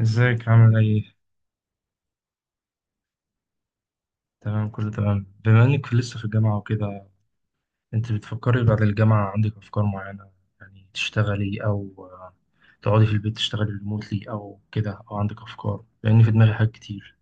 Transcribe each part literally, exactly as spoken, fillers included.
ازيك عامل ايه؟ تمام، كله تمام. بما انك لسه في الجامعة وكده، انت بتفكري بعد الجامعة عندك افكار معينة؟ يعني تشتغلي او آه، تقعدي في البيت تشتغلي ريموتلي او كده، او عندك افكار؟ لان في دماغي حاجات كتير.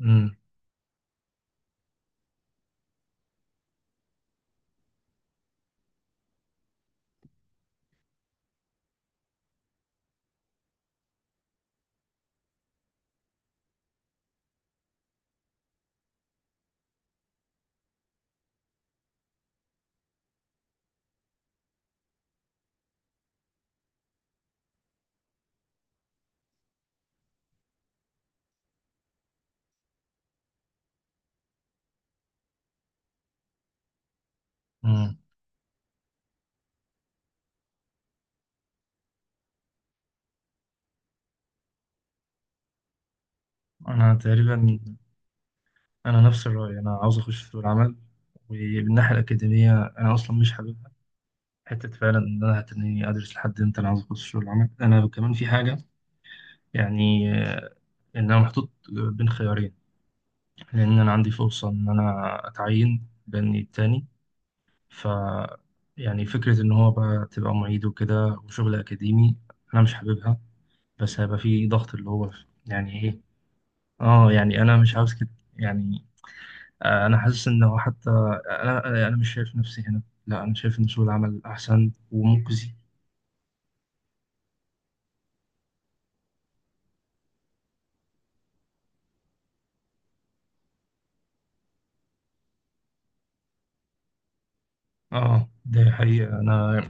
امم امم. انا تقريبا. انا نفس الرأي، انا عاوز اخش في سوق العمل. وبالناحية الأكاديمية أنا أصلا مش حاببها، حتة فعلا إن أنا هتنيني أدرس لحد إمتى؟ أنا عاوز أخش في سوق العمل. أنا كمان في حاجة، يعني آه، إن أنا محطوط بين خيارين، لأن أنا عندي فرصة إن أنا أتعين بني التاني. ف يعني فكرة إن هو بقى تبقى معيد وكده وشغل أكاديمي، أنا مش حاببها. بس هيبقى في ضغط اللي هو، يعني إيه، آه يعني أنا مش عاوز كده. يعني آه، أنا حاسس إن هو حتى أنا أنا مش شايف نفسي هنا. لا، أنا شايف إن سوق العمل أحسن ومجزي. آه، ده حقيقة. أنا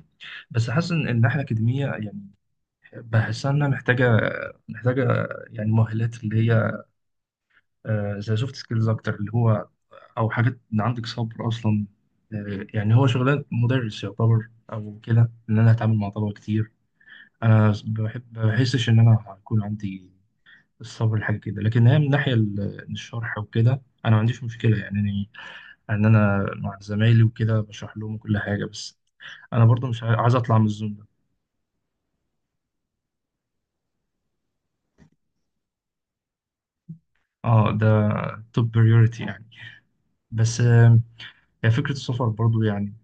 بس حاسس إن الناحية الأكاديمية يعني بحسها إنها محتاجة محتاجة يعني مؤهلات اللي هي آه، زي سوفت سكيلز أكتر، اللي هو او حاجات ان عندك صبر اصلا. آه، يعني هو شغلان مدرس يعتبر او كده، ان انا هتعامل مع طلبه كتير. انا بحب بحسش ان انا هيكون عندي الصبر لحاجه كده. لكن هي من ناحيه ال- الشرح وكده، انا ما عنديش مشكله يعني إني ان انا مع زمايلي وكده بشرح لهم كل حاجه. بس انا برضو مش عايز اطلع من الزون ده. اه، ده توب بريورتي يعني. بس آه، هي فكره السفر برضو يعني.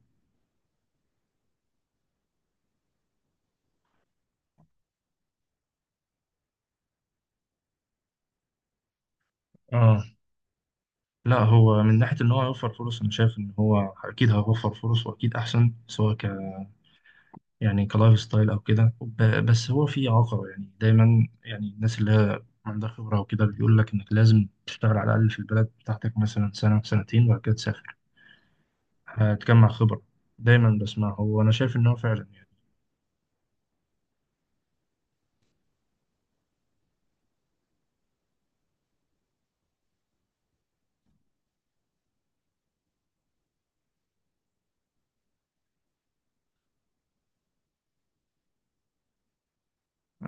آه، لا، هو من ناحية إن هو هيوفر فرص، أنا شايف إن هو أكيد هيوفر فرص وأكيد أحسن، سواء ك يعني كلايف ستايل أو كده. ب- بس هو في عقبة، يعني دايما يعني الناس اللي هي عندها خبرة وكده بيقول لك إنك لازم تشتغل على الأقل في البلد بتاعتك مثلا سنة سنتين، وبعد كده تسافر، هتجمع خبرة. دايما بسمعه، وأنا شايف إن هو فعلا يعني.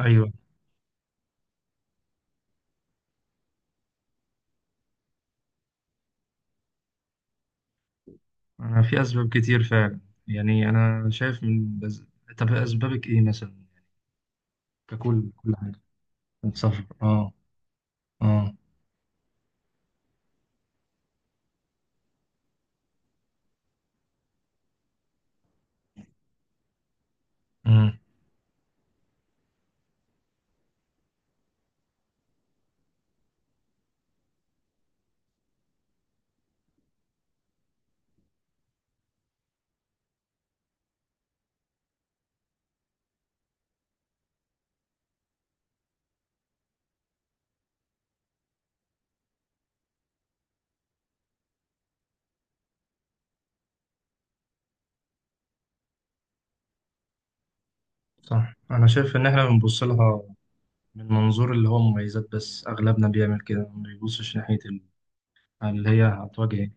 أيوه. أنا في أسباب كتير فعلا. يعني أنا شايف من بز... طب أسبابك إيه مثلا؟ ككل كل حاجة. السفر، أه أه صح، أنا شايف إن إحنا بنبص لها من منظور اللي هو مميزات، بس أغلبنا بيعمل كده، ما بيبصش ناحية ال- اللي هي هتواجه إيه.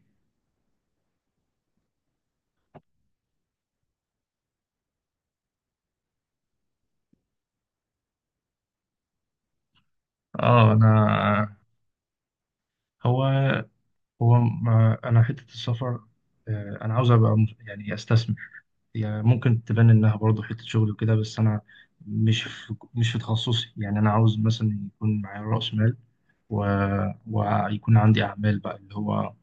آه، أنا هو هو ما أنا حتة السفر. آه، أنا عاوز أبقى مس- يعني أستثمر. يعني ممكن تبان إنها برضه حتة شغل وكده، بس أنا مش في مش في تخصصي. يعني أنا عاوز مثلا يكون معايا رأس مال و... ويكون عندي أعمال، بقى اللي هو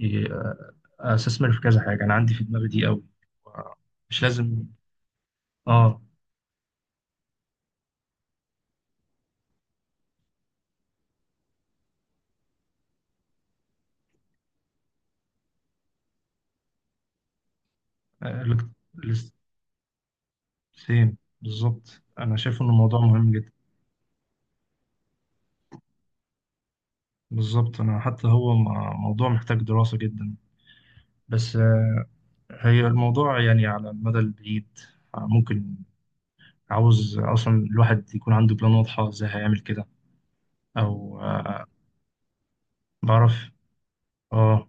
إيه، آه، أستثمر في كذا حاجة. أنا عندي في دماغي دي أوي، مش لازم. اه، الك- الاس- سيم بالظبط، انا شايف ان الموضوع مهم جدا. بالظبط، انا حتى هو م- موضوع محتاج دراسة جدا. بس آه، هي الموضوع يعني على المدى البعيد، آه، ممكن. عاوز اصلا الواحد يكون عنده بلان واضحة ازاي هيعمل كده، او آه، بعرف. اه.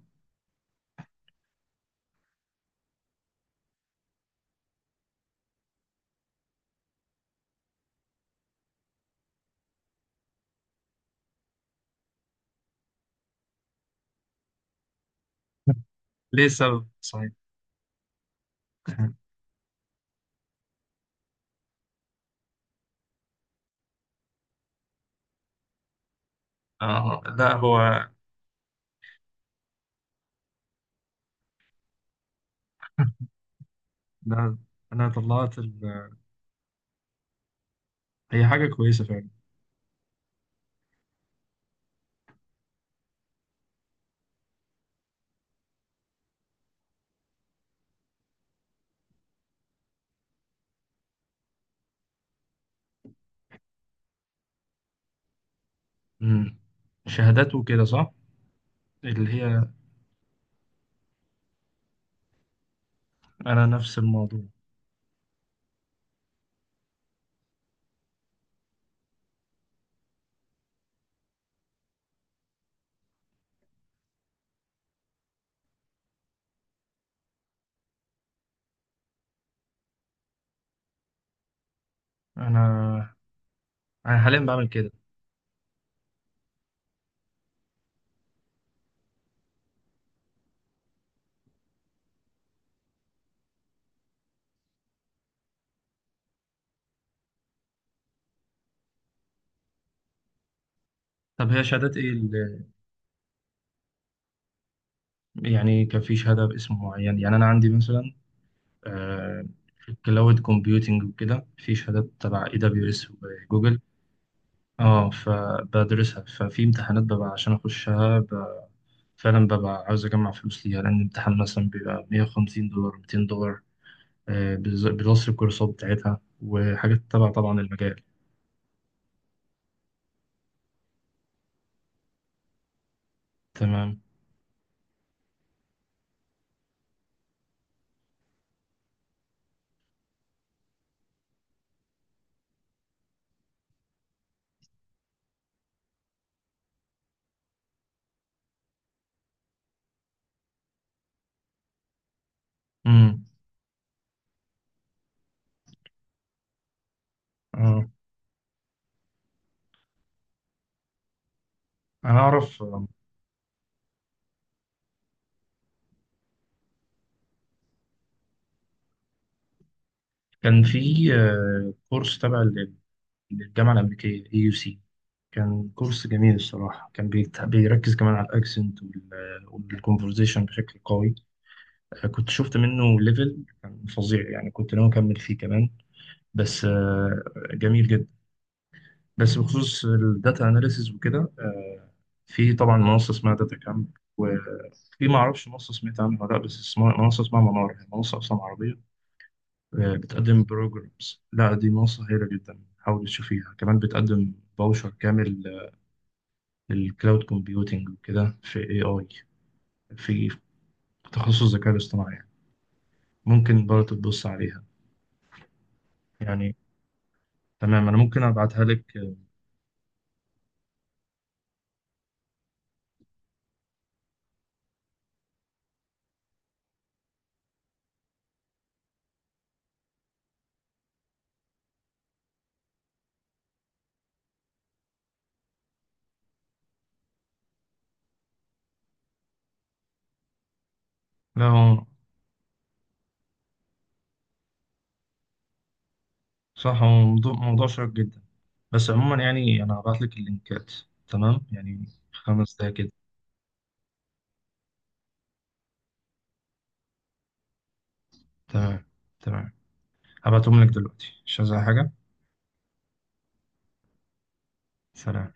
ليه السبب صحيح. آه، لا هو لا. أنا طلعت ال... هي حاجة كويسة فعلا. مم. شهادات وكده صح؟ اللي هي، أنا نفس الموضوع. أنا انا حاليا بعمل كده. طب هي شهادات ايه اللي يعني؟ كان في شهاده باسم معين، يعني انا عندي مثلا آه، في كلاود كومبيوتنج وكده، في شهادات تبع اي دبليو اس وجوجل. اه، فبدرسها. ففي امتحانات ببقى عشان اخشها ب- فعلا، ببقى عاوز اجمع فلوس ليها، لان الامتحان مثلا بيبقى مية وخمسين دولار ميتين دولار. آه، بز- بلس الكورسات بتاعتها وحاجات تبع طبعا المجال. تمام. امم، اه، انا اعرف. آه، كان في آه، كورس تبع للجامعة الأمريكية اي يو سي. كان كورس جميل الصراحة، كان بيت- بيركز كمان على الأكسنت والكونفرزيشن بشكل قوي. آه، كنت شفت منه ليفل كان فظيع، يعني كنت ناوي أكمل فيه كمان. بس آه، جميل جدا. بس بخصوص الداتا أناليسيز وكده آه، في طبعا منصة اسمها داتا كامب. وفي، ما أعرفش منصة سمعت عنها ولا لأ، بس اسمها، منصة اسمها منار، هي منصة أصلا عربية. آه، بتقدم بروجرامز. لا، دي منصة هايلة جدا، حاول تشوفيها. كمان بتقدم باوشر كامل الكلاود كومبيوتينج وكده، في اي اي، في تخصص الذكاء الاصطناعي يعني. ممكن برضه تبص عليها يعني. تمام، انا ممكن ابعتها لك. لا هو صح، هو موضوع موضوع شيق جدا. بس عموما يعني انا هبعت لك اللينكات. تمام، يعني خمس دقايق كده. تمام، تمام، هبعتهم لك دلوقتي. مش عايز أي حاجة. سلام.